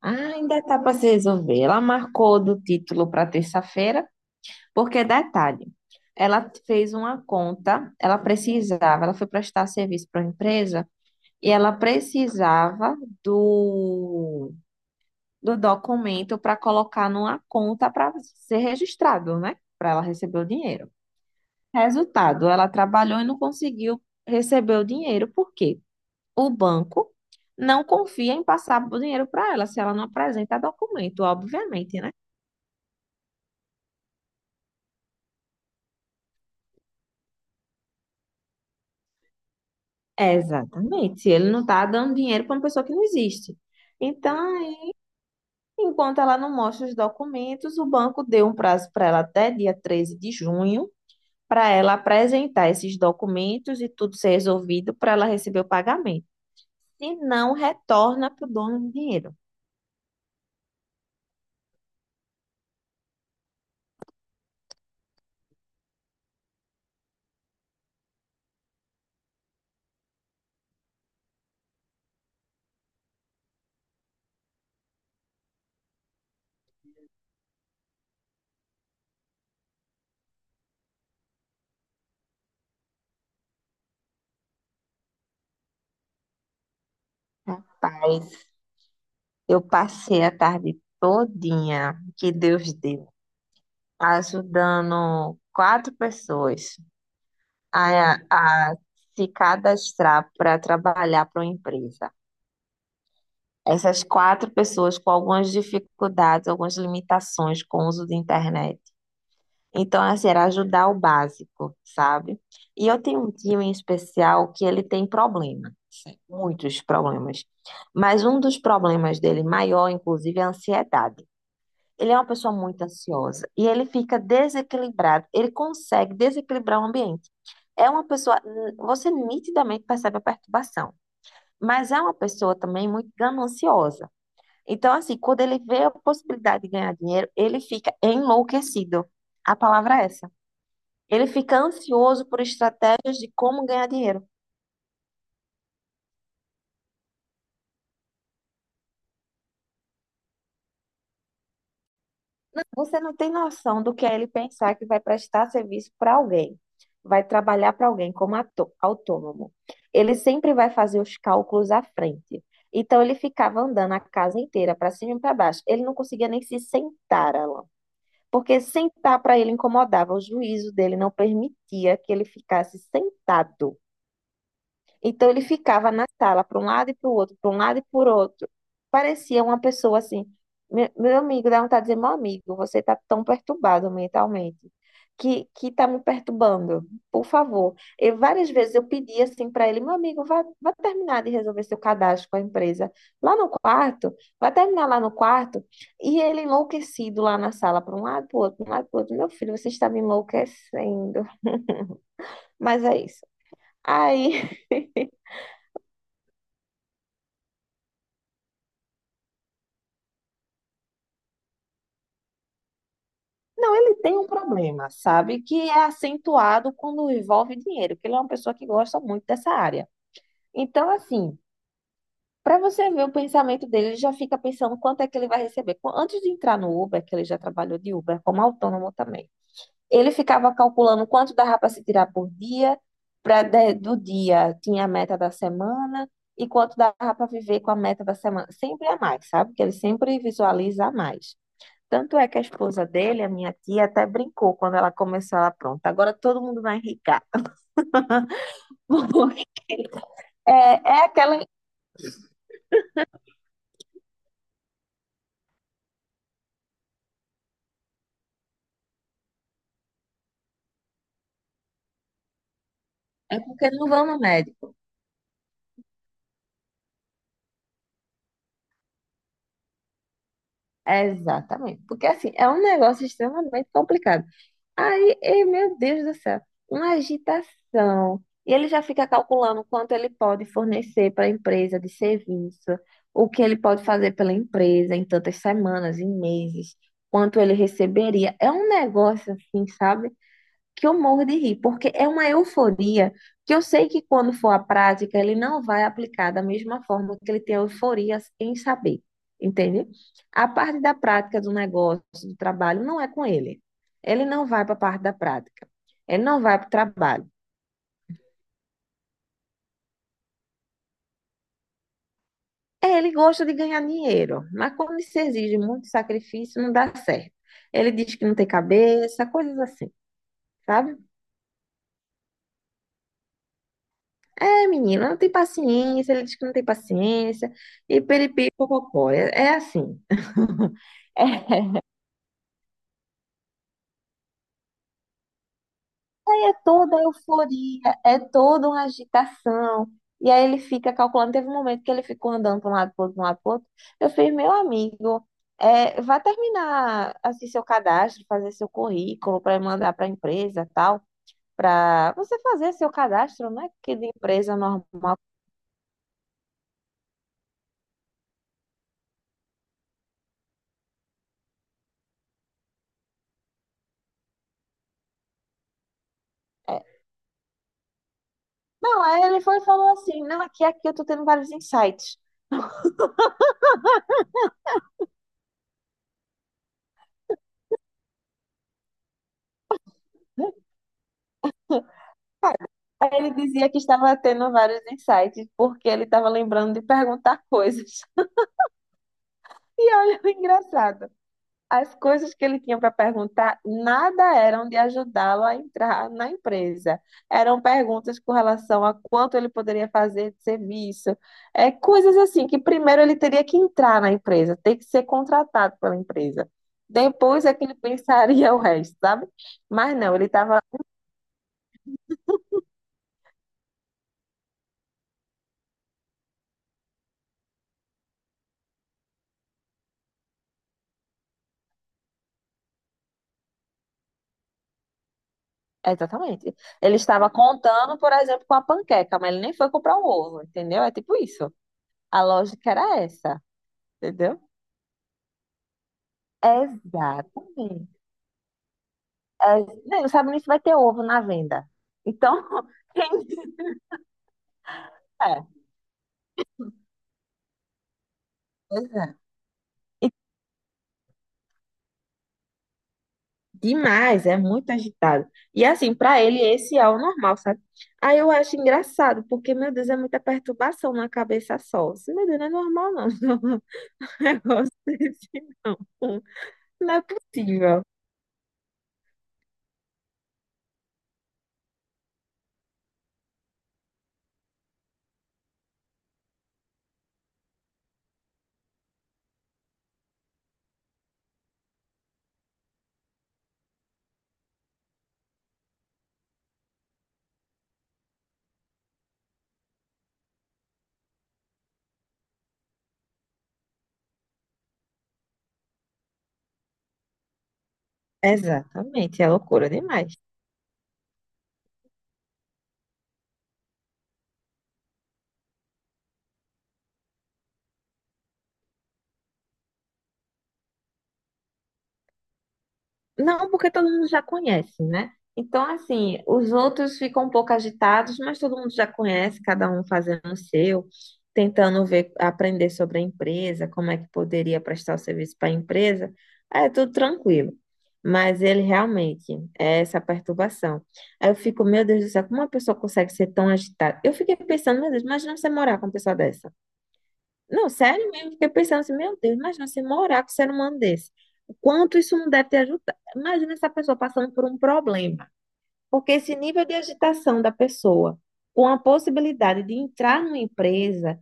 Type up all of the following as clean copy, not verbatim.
Ah, ainda está para se resolver. Ela marcou do título para terça-feira, porque detalhe, ela fez uma conta, ela precisava, ela foi prestar serviço para uma empresa e ela precisava do, do documento para colocar numa conta para ser registrado, né? Para ela receber o dinheiro. Resultado, ela trabalhou e não conseguiu receber o dinheiro, porque o banco não confia em passar o dinheiro para ela se ela não apresenta documento, obviamente, né? É, exatamente. Se ele não está dando dinheiro para uma pessoa que não existe. Então, aí, enquanto ela não mostra os documentos, o banco deu um prazo para ela até dia 13 de junho para ela apresentar esses documentos e tudo ser resolvido para ela receber o pagamento. Se não, retorna para o dono do dinheiro. Rapaz, eu passei a tarde todinha, que Deus deu, ajudando 4 pessoas a se cadastrar para trabalhar para uma empresa. Essas 4 pessoas com algumas dificuldades, algumas limitações com o uso da internet. Então, assim, era ajudar o básico, sabe? E eu tenho um tio em especial que ele tem problema, assim, muitos problemas. Mas um dos problemas dele maior, inclusive, é a ansiedade. Ele é uma pessoa muito ansiosa e ele fica desequilibrado. Ele consegue desequilibrar o ambiente. É uma pessoa, você nitidamente percebe a perturbação, mas é uma pessoa também muito gananciosa. Então, assim, quando ele vê a possibilidade de ganhar dinheiro, ele fica enlouquecido. A palavra é essa. Ele fica ansioso por estratégias de como ganhar dinheiro. Você não tem noção do que é ele pensar que vai prestar serviço para alguém, vai trabalhar para alguém como autônomo. Ele sempre vai fazer os cálculos à frente. Então ele ficava andando a casa inteira para cima e para baixo. Ele não conseguia nem se sentar, Alan, porque sentar para ele incomodava. O juízo dele não permitia que ele ficasse sentado. Então ele ficava na sala, para um lado e para o outro, para um lado e para outro. Parecia uma pessoa assim. Meu amigo, dá vontade de dizer, meu amigo, você está tão perturbado mentalmente, que está me perturbando, por favor. E várias vezes eu pedi assim para ele, meu amigo, vá terminar de resolver seu cadastro com a empresa lá no quarto, vai terminar lá no quarto. E ele enlouquecido lá na sala, para um lado, para o outro, para um lado, para o outro. Meu filho, você está me enlouquecendo. Mas é isso. Aí. Não, ele tem um problema, sabe? Que é acentuado quando envolve dinheiro, que ele é uma pessoa que gosta muito dessa área. Então, assim, para você ver o pensamento dele, ele já fica pensando quanto é que ele vai receber. Antes de entrar no Uber, que ele já trabalhou de Uber como autônomo também, ele ficava calculando quanto dava para se tirar por dia, para do dia tinha a meta da semana e quanto dava para viver com a meta da semana. Sempre a mais, sabe? Que ele sempre visualiza a mais. Tanto é que a esposa dele, a minha tia, até brincou quando ela começou lá, pronto, agora todo mundo vai enricar. Porque é aquela. É porque não vão no médico. É, exatamente. Porque assim, é um negócio extremamente complicado. Meu Deus do céu, uma agitação. E ele já fica calculando quanto ele pode fornecer para a empresa de serviço, o que ele pode fazer pela empresa em tantas semanas, em meses, quanto ele receberia. É um negócio assim, sabe? Que eu morro de rir, porque é uma euforia que eu sei que quando for à prática, ele não vai aplicar da mesma forma que ele tem euforia em saber, entende? A parte da prática do negócio, do trabalho, não é com ele. Ele não vai para a parte da prática. Ele não vai para o trabalho. É, ele gosta de ganhar dinheiro, mas quando se exige muito sacrifício, não dá certo. Ele diz que não tem cabeça, coisas assim, sabe? É, menina, não tem paciência, ele diz que não tem paciência, e peripi, popopó, é assim. É, é toda a euforia, é toda uma agitação, e aí ele fica calculando, teve um momento que ele ficou andando para um lado, para outro, pra um lado, para outro, eu fiz, meu amigo, é, vá terminar, assim, seu cadastro, fazer seu currículo para mandar para a empresa, tal, para você fazer seu cadastro, né, que de empresa normal, é, não, aí ele foi e falou assim, não, aqui eu tô tendo vários insights. Aí ele dizia que estava tendo vários insights, porque ele estava lembrando de perguntar coisas. E olha o engraçado, as coisas que ele tinha para perguntar, nada eram de ajudá-lo a entrar na empresa. Eram perguntas com relação a quanto ele poderia fazer de serviço, é, coisas assim que primeiro ele teria que entrar na empresa, ter que ser contratado pela empresa. Depois é que ele pensaria o resto, sabe? Mas não, ele estava. Exatamente. Ele estava contando, por exemplo, com a panqueca, mas ele nem foi comprar o ovo, entendeu? É tipo isso. A lógica era essa, entendeu? Exatamente. É, não sabe nem se vai ter ovo na venda. Então, quem é, pois é. E demais, é muito agitado. E assim, para ele, esse é o normal, sabe? Aí eu acho engraçado, porque, meu Deus, é muita perturbação na cabeça só. Assim, meu Deus, não é normal, não. É um negócio desse, não. Não é possível. Exatamente, é loucura demais. Não, porque todo mundo já conhece, né? Então, assim, os outros ficam um pouco agitados, mas todo mundo já conhece, cada um fazendo o seu, tentando ver, aprender sobre a empresa, como é que poderia prestar o serviço para a empresa. É tudo tranquilo. Mas ele realmente é essa perturbação. Aí eu fico, meu Deus do céu, como uma pessoa consegue ser tão agitada? Eu fiquei pensando, meu Deus, imagina você morar com uma pessoa dessa. Não, sério mesmo, fiquei pensando assim, meu Deus, imagina se morar com um ser humano desse. O quanto isso não deve te ajudar? Imagina essa pessoa passando por um problema. Porque esse nível de agitação da pessoa, com a possibilidade de entrar numa empresa,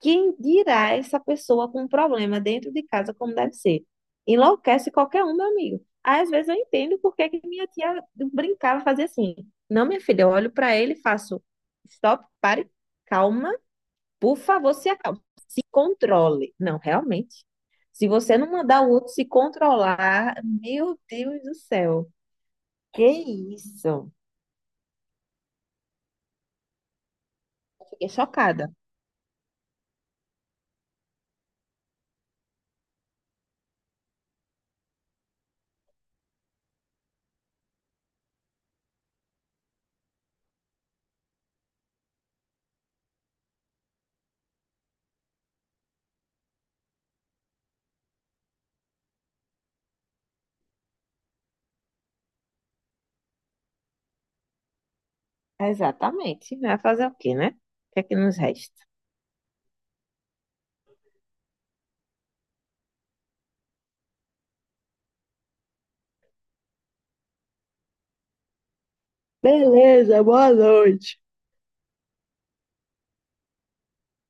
quem dirá essa pessoa com um problema dentro de casa, como deve ser? Enlouquece qualquer um, meu amigo. Às vezes eu entendo porque que minha tia brincava, fazia assim. Não, minha filha, eu olho para ele e faço, stop, pare, calma por favor, se acalme, se controle. Não, realmente. Se você não mandar o outro se controlar, meu Deus do céu. Que isso? Fiquei chocada. Exatamente. Vai fazer o quê, né? O que é que nos resta? Beleza, boa noite.